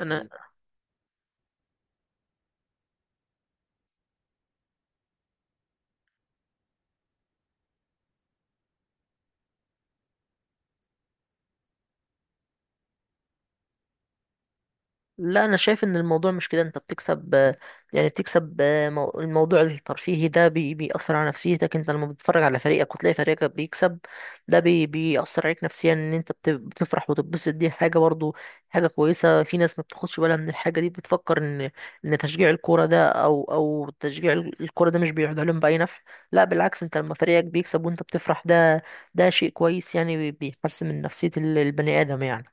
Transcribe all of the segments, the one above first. انا لا انا شايف ان الموضوع مش كده. انت بتكسب، يعني بتكسب، الموضوع الترفيهي ده بيأثر على نفسيتك انت لما بتتفرج على فريقك وتلاقي فريقك بيكسب. ده بيأثر عليك نفسيا ان انت بتفرح وتتبسط. دي حاجة برضو حاجة كويسة. في ناس ما بتاخدش بالها من الحاجة دي، بتفكر ان ان تشجيع الكورة ده او تشجيع الكورة ده مش بيعود عليهم بأي نفع. لا بالعكس، انت لما فريقك بيكسب وانت بتفرح، ده ده شيء كويس يعني، بيحسن من نفسية البني آدم يعني.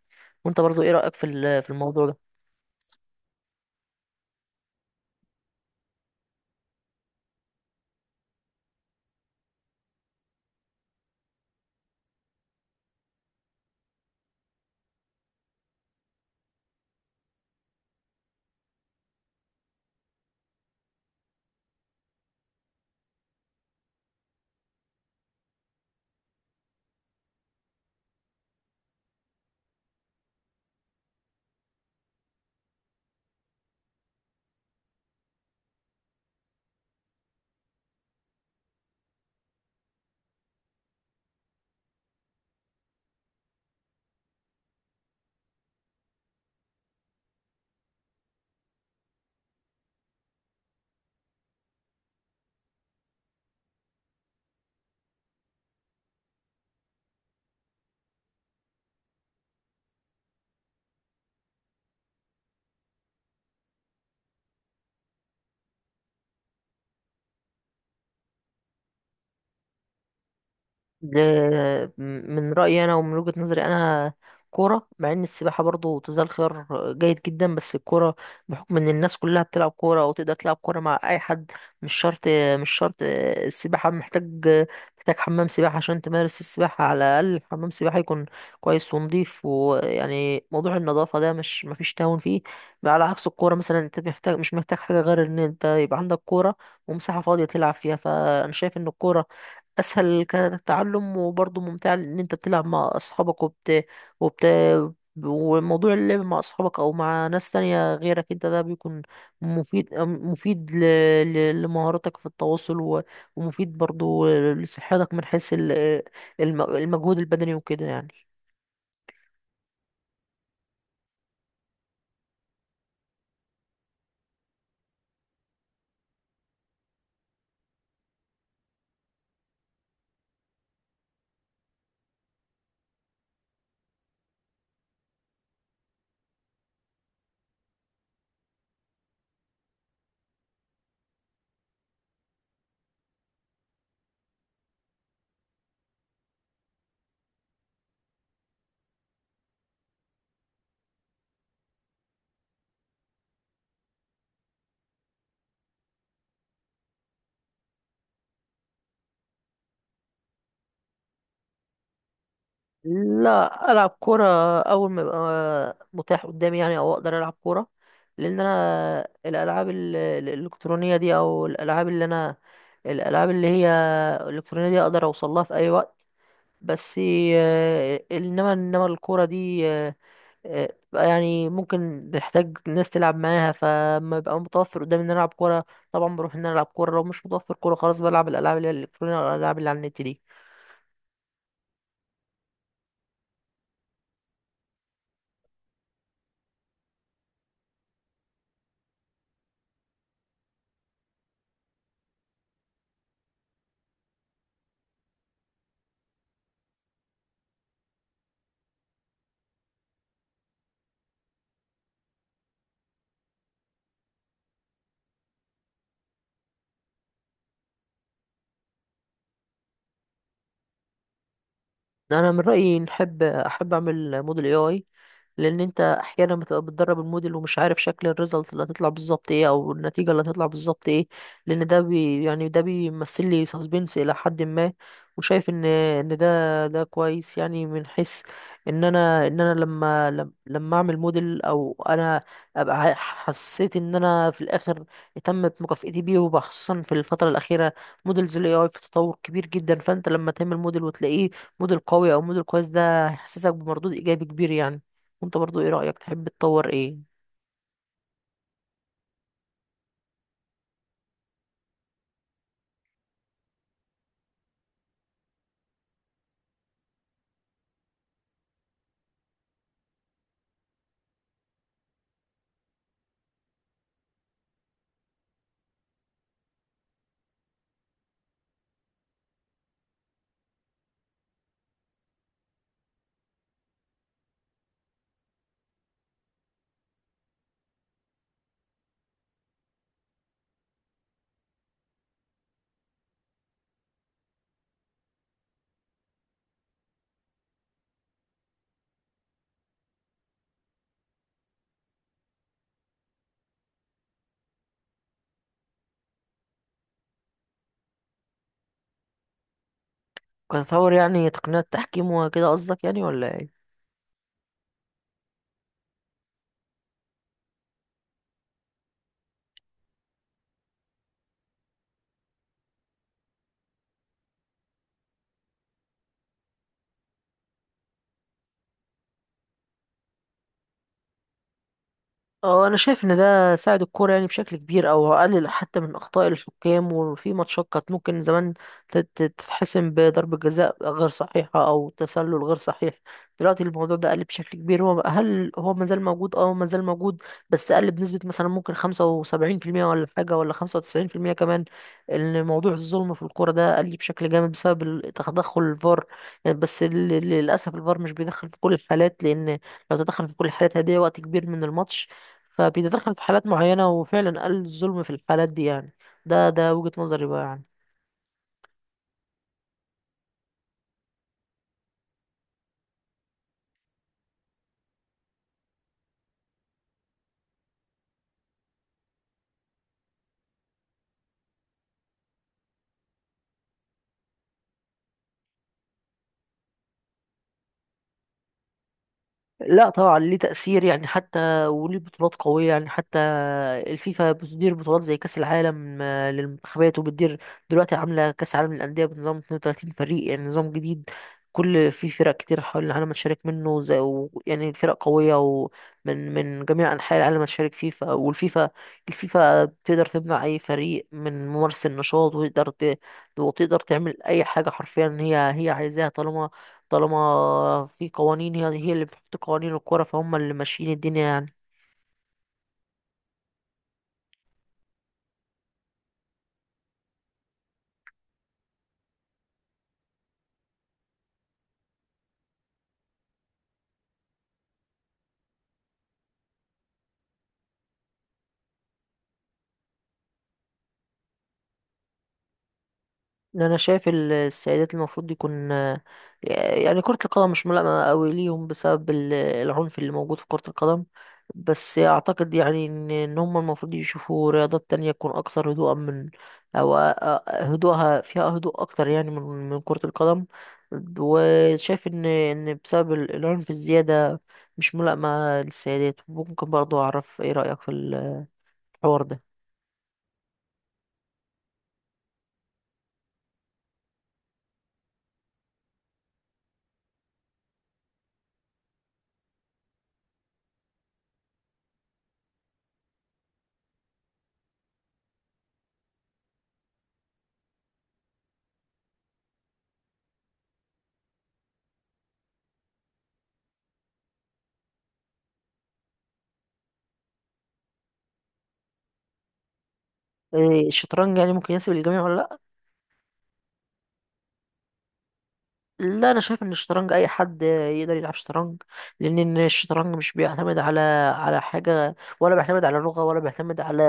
وانت برضو ايه رأيك في في الموضوع ده؟ ل- من رأيي أنا ومن وجهة نظري أنا كورة، مع إن السباحة برضو تزال خيار جيد جدا، بس الكورة بحكم إن الناس كلها بتلعب كورة أو تقدر تلعب كورة مع أي حد. مش شرط، مش شرط. السباحة محتاج، محتاج حمام سباحة عشان تمارس السباحة، على الأقل حمام سباحة يكون كويس ونضيف، ويعني موضوع النظافة ده مش مفيش تهاون فيه. على عكس الكورة مثلا، أنت محتاج، مش محتاج حاجة غير إن أنت يبقى عندك كورة ومساحة فاضية تلعب فيها. فأنا شايف إن الكورة اسهل كتعلم وبرضه ممتع لان انت بتلعب مع اصحابك وبت وموضوع اللعب مع اصحابك او مع ناس تانية غيرك انت ده بيكون مفيد، لمهاراتك في التواصل، ومفيد برضه لصحتك من حيث المجهود البدني وكده يعني. لا، العب كوره اول ما يبقى متاح قدامي يعني، او اقدر العب كوره. لان انا الالعاب الالكترونيه دي، او الالعاب اللي انا الالعاب اللي هي الالكترونيه دي، اقدر اوصل لها في اي وقت. بس، انما الكوره دي بتبقى يعني ممكن تحتاج ناس تلعب معاها، فما بيبقى متوفر قدامي ان انا العب كوره. طبعا بروح ان انا العب كوره، لو مش متوفر كوره خلاص بلعب الالعاب اللي هي الالكترونيه او الالعاب اللي على النت دي. انا من رايي نحب احب اعمل موديل اي اي. لان انت احيانا بتبقى بتدرب الموديل ومش عارف شكل الريزلت اللي هتطلع بالظبط ايه، او النتيجه اللي هتطلع بالظبط ايه. لان ده بي يعني ده بيمثل لي سسبنس الى حد ما. وشايف ان ده ده كويس يعني، من حيث ان انا، ان انا لما لم- لما اعمل موديل، او انا ابقى حسيت ان انا في الاخر تمت مكافئتي بيه. وخصوصا في الفتره الاخيره موديلز الاي اي في تطور كبير جدا، فانت لما تعمل موديل وتلاقيه موديل قوي او موديل كويس، ده هيحسسك بمردود ايجابي كبير يعني. وانت برضو ايه رأيك، تحب تطور ايه؟ كتطور يعني تقنيات تحكيم وكده قصدك يعني، ولا ايه؟ اه، انا شايف ان ده ساعد الكوره يعني بشكل كبير، او قلل حتى من اخطاء الحكام. وفي ماتشات كانت ممكن زمان تتحسم بضربه جزاء غير صحيحه او تسلل غير صحيح، دلوقتي الموضوع ده قل بشكل كبير. هو هل هو مازال موجود؟ اه مازال موجود، بس قل بنسبه مثلا ممكن 75% ولا حاجه، ولا 95% كمان، ان موضوع الظلم في الكوره ده قل بشكل جامد بسبب تدخل الفار يعني. بس للاسف الفار مش بيدخل في كل الحالات، لان لو تدخل في كل الحالات هيضيع وقت كبير من الماتش. فبيتدخل في حالات معينة، وفعلا قل الظلم في الحالات دي يعني. ده ده وجهة نظري بقى يعني. لا طبعا ليه تأثير يعني، حتى وليه بطولات قوية يعني. حتى الفيفا بتدير بطولات زي كأس العالم، للمنتخبات، وبتدير دلوقتي عاملة كأس العالم للأندية بنظام 32 فريق، يعني نظام جديد. كل في فرق كتير حول العالم تشارك منه يعني فرق قوية، ومن من جميع أنحاء العالم تشارك فيفا. الفيفا تقدر تمنع أي فريق من ممارسة النشاط، وتقدر تعمل أي حاجة حرفيا هي هي عايزاها. طالما، طالما في قوانين، هي هي اللي بتحط قوانين الكرة، فهم اللي ماشيين الدنيا يعني. إن انا شايف السيدات المفروض يكون، يعني كرة القدم مش ملائمة قوي ليهم بسبب العنف اللي موجود في كرة القدم. بس اعتقد يعني ان إن هم المفروض يشوفوا رياضات تانية تكون اكثر هدوءا من، او هدوءها، فيها هدوء اكتر يعني من من كرة القدم. وشايف ان ان بسبب العنف الزيادة مش ملائمة للسيدات. ممكن برضو اعرف ايه رأيك في ال الحوار ده؟ إيه، الشطرنج يعني ممكن يناسب الجميع ولا لا؟ لا انا شايف ان الشطرنج اي حد يقدر يلعب شطرنج. لان إن الشطرنج مش بيعتمد على على حاجه، ولا بيعتمد على لغه، ولا بيعتمد على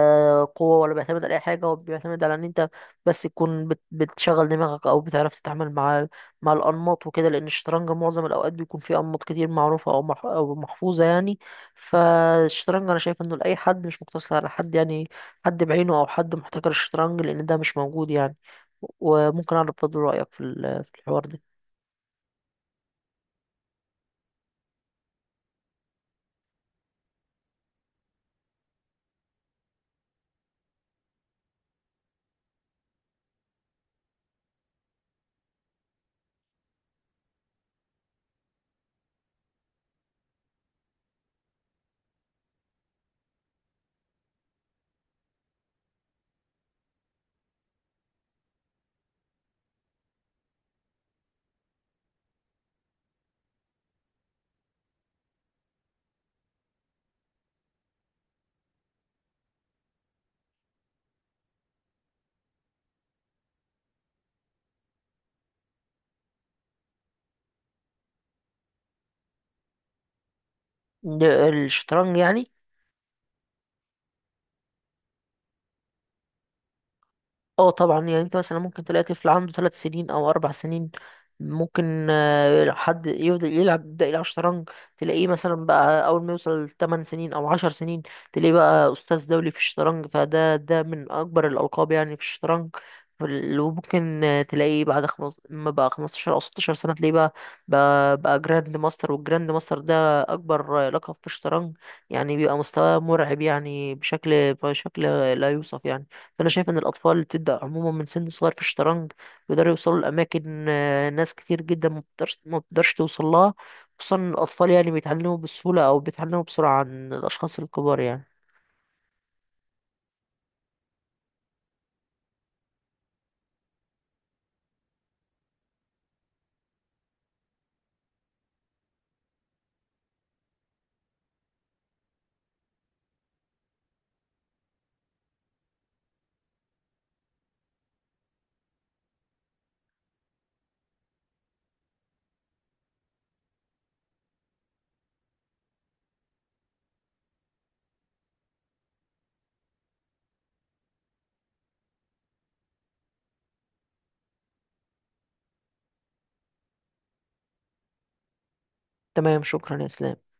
قوه، ولا بيعتمد على اي حاجه. هو بيعتمد على ان انت بس تكون بتشغل دماغك، او بتعرف تتعامل مع مع الانماط وكده. لان الشطرنج معظم الاوقات بيكون فيه انماط كتير معروفه او محفوظه يعني. فالشطرنج انا شايف انه لاي حد، مش مقتصر على حد يعني، حد بعينه او حد محتكر الشطرنج، لان ده مش موجود يعني. وممكن اعرف برضه رايك في في الحوار ده؟ د- الشطرنج يعني؟ اه طبعا يعني، انت مثلا ممكن تلاقي طفل عنده ثلاث سنين او اربع سنين، ممكن حد يفضل يلعب، يبدأ يلعب شطرنج. تلاقيه مثلا بقى اول ما يوصل 8 سنين او 10 سنين تلاقيه بقى استاذ دولي في الشطرنج، فده ده من اكبر الالقاب يعني في الشطرنج. وممكن تلاقيه بعد خمس ما بقى 15 او 16 سنة تلاقيه بقى بقى جراند ماستر. والجراند ماستر ده اكبر، لقب في الشطرنج يعني. بيبقى مستواه مرعب يعني بشكل، بشكل لا يوصف يعني. فانا شايف ان الاطفال اللي بتبدا عموما من سن صغير في الشطرنج بيقدروا يوصلوا لاماكن، ناس كتير جدا ما بتقدرش ما بتقدرش توصل لها. خصوصا إن الاطفال يعني بيتعلموا بسهوله، او بيتعلموا بسرعه عن الاشخاص الكبار يعني. تمام، شكرا يا اسلام.